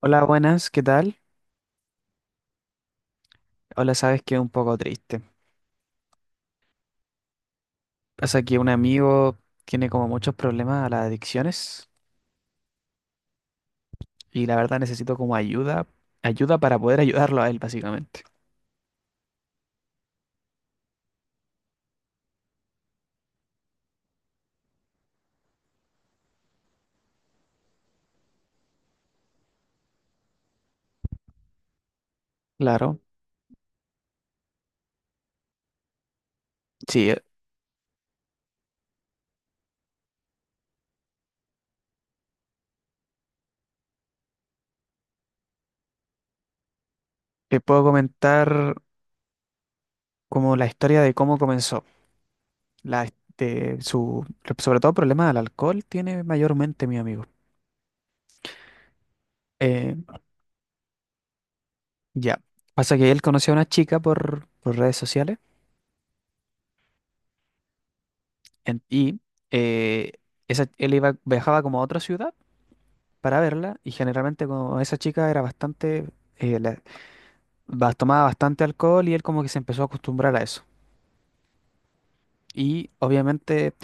Hola, buenas, ¿qué tal? Hola, sabes que un poco triste. Pasa que un amigo tiene como muchos problemas a las adicciones y la verdad necesito como ayuda, ayuda para poder ayudarlo a él, básicamente. Claro, sí, te puedo comentar como la historia de cómo comenzó. La, de su, Sobre todo problemas al alcohol tiene mayormente mi amigo. Eh, ya, pasa que él conoció a una chica por redes sociales en- y eh, él viajaba como a otra ciudad para verla y generalmente como esa chica era bastante, eh, la- tomaba bastante alcohol y él como que se empezó a acostumbrar a eso. Y obviamente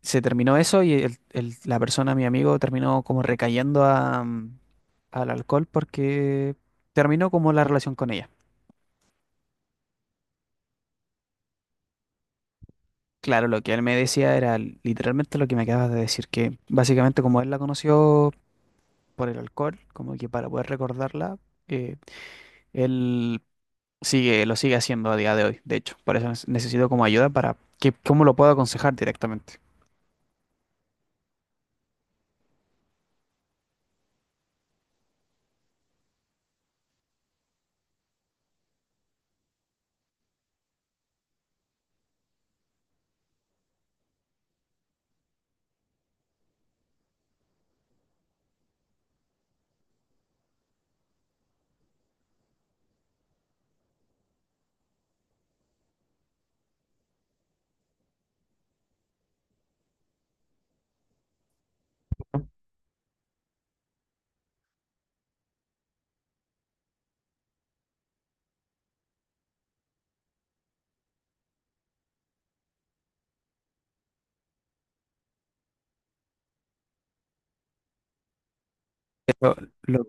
se terminó eso y la persona, mi amigo, terminó como recayendo a, al alcohol porque terminó como la relación con ella. Claro, lo que él me decía era literalmente lo que me acabas de decir, que básicamente como él la conoció por el alcohol, como que para poder recordarla, eh, él lo sigue haciendo a día de hoy, de hecho. Por eso necesito como ayuda para que, cómo lo puedo aconsejar directamente. Lo, lo-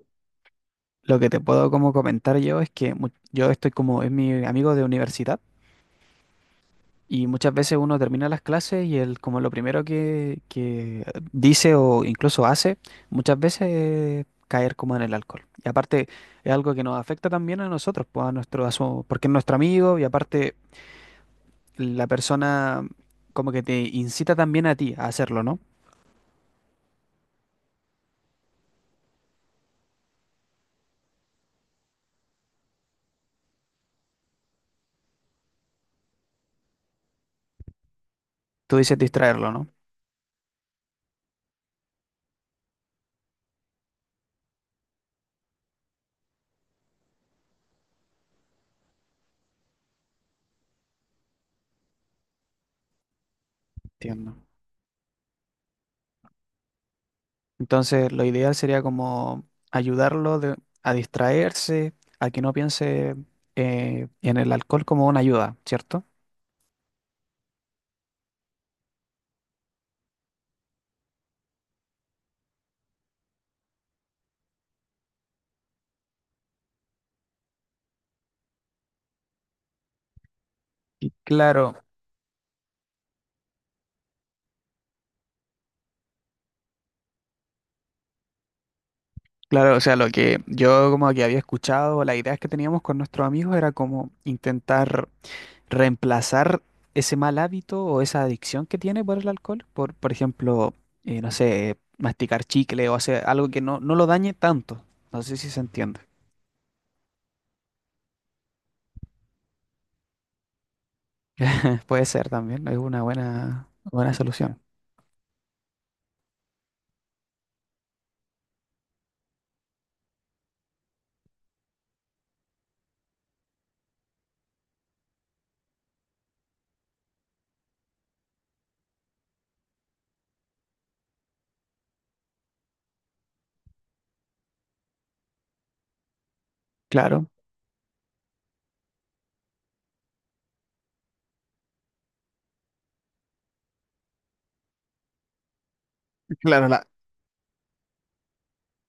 lo que te puedo como comentar yo es que yo estoy como, es mi amigo de universidad y muchas veces uno termina las clases y él como lo primero que dice o incluso hace, muchas veces es caer como en el alcohol. Y aparte es algo que nos afecta también a nosotros, pues a porque es nuestro amigo y aparte la persona como que te incita también a ti a hacerlo, ¿no? Tú dices distraerlo, ¿no? Entiendo. Entonces, lo ideal sería como ayudarlo de- a distraerse, a que no piense en el alcohol como una ayuda, ¿cierto? Y claro, claro, o sea, lo que yo como que había escuchado, las ideas que teníamos con nuestros amigos era como intentar reemplazar ese mal hábito o esa adicción que tiene por el alcohol, por ejemplo, no sé, masticar chicle o hacer algo que no lo dañe tanto. No sé si se entiende. Puede ser también, es una buena solución. Claro. Claro,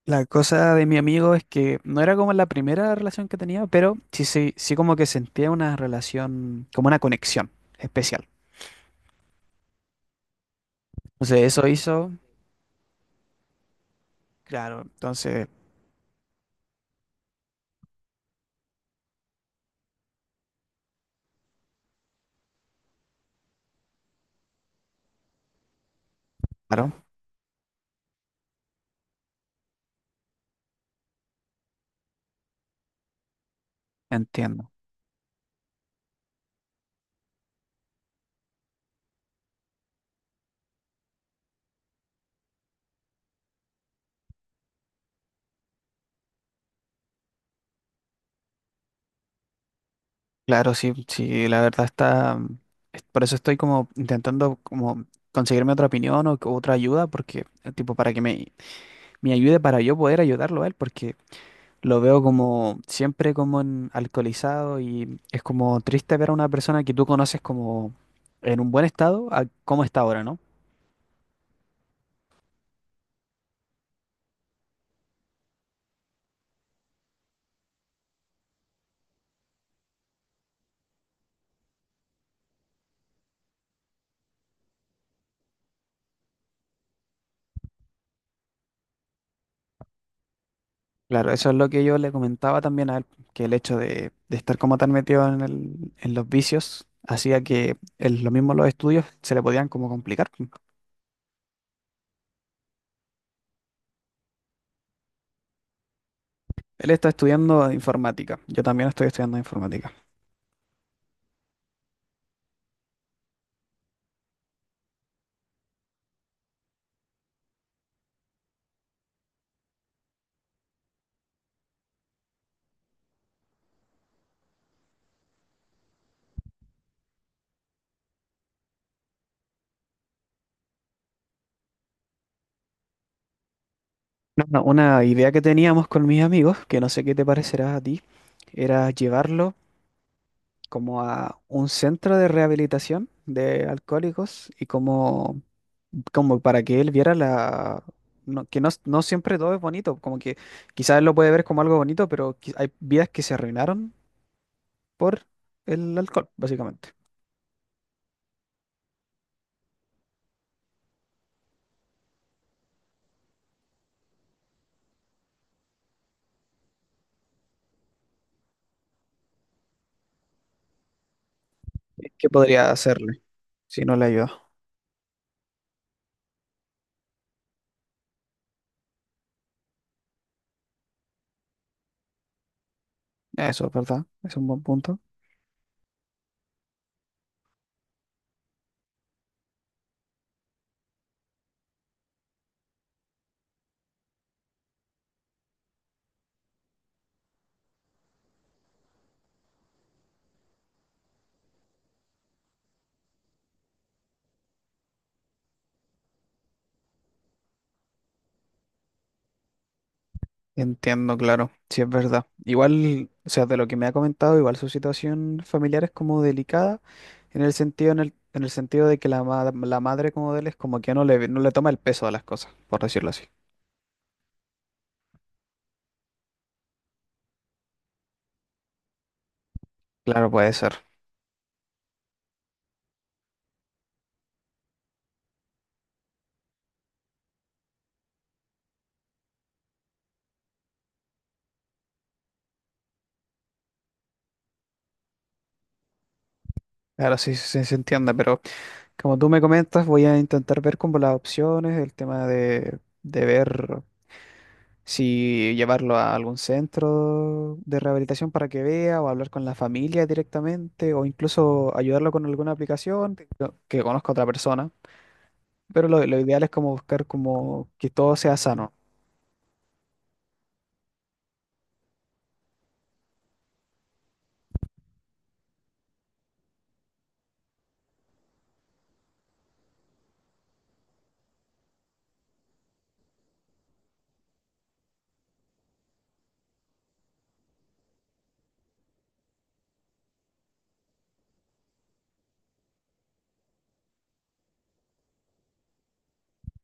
la cosa de mi amigo es que no era como la primera relación que tenía, pero sí como que sentía una relación, como una conexión especial. Entonces eso hizo, claro, entonces, claro, entiendo. Claro, sí, la verdad está, por eso estoy como intentando como conseguirme otra opinión o otra ayuda, porque, tipo, para que me ayude para yo poder ayudarlo a él, porque… Lo veo como siempre como en alcoholizado y es como triste ver a una persona que tú conoces como en un buen estado a cómo está ahora, ¿no? Claro, eso es lo que yo le comentaba también a él, que el hecho de estar como tan metido en en los vicios hacía que lo mismo los estudios se le podían como complicar. Él está estudiando informática, yo también estoy estudiando informática. No, no, Una idea que teníamos con mis amigos, que no sé qué te parecerá a ti, era llevarlo como a un centro de rehabilitación de alcohólicos como para que él viera la… Que no siempre todo es bonito, como que quizás él lo puede ver como algo bonito, pero hay vidas que se arruinaron por el alcohol, básicamente. ¿Qué podría hacerle si no le ayuda? Eso, es ¿verdad? Es un buen punto. Entiendo, claro, sí es verdad. Igual, o sea, de lo que me ha comentado, igual su situación familiar es como delicada, en el sentido de que la madre como de él es como que no no le toma el peso a las cosas, por decirlo así. Claro, puede ser. Claro, sí, sí se entiende, pero como tú me comentas, voy a intentar ver como las opciones, el tema de ver. Si llevarlo a algún centro de rehabilitación para que vea, o hablar con la familia directamente, o incluso ayudarlo con alguna aplicación que conozca a otra persona. Pero lo ideal es como buscar como que todo sea sano,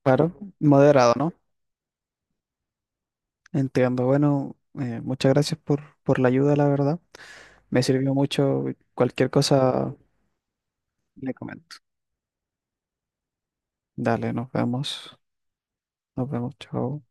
claro, moderado, ¿no? Entiendo. Bueno, muchas gracias por la ayuda, la verdad. Me sirvió mucho. Cualquier cosa le comento. Dale, nos vemos. Nos vemos, chao.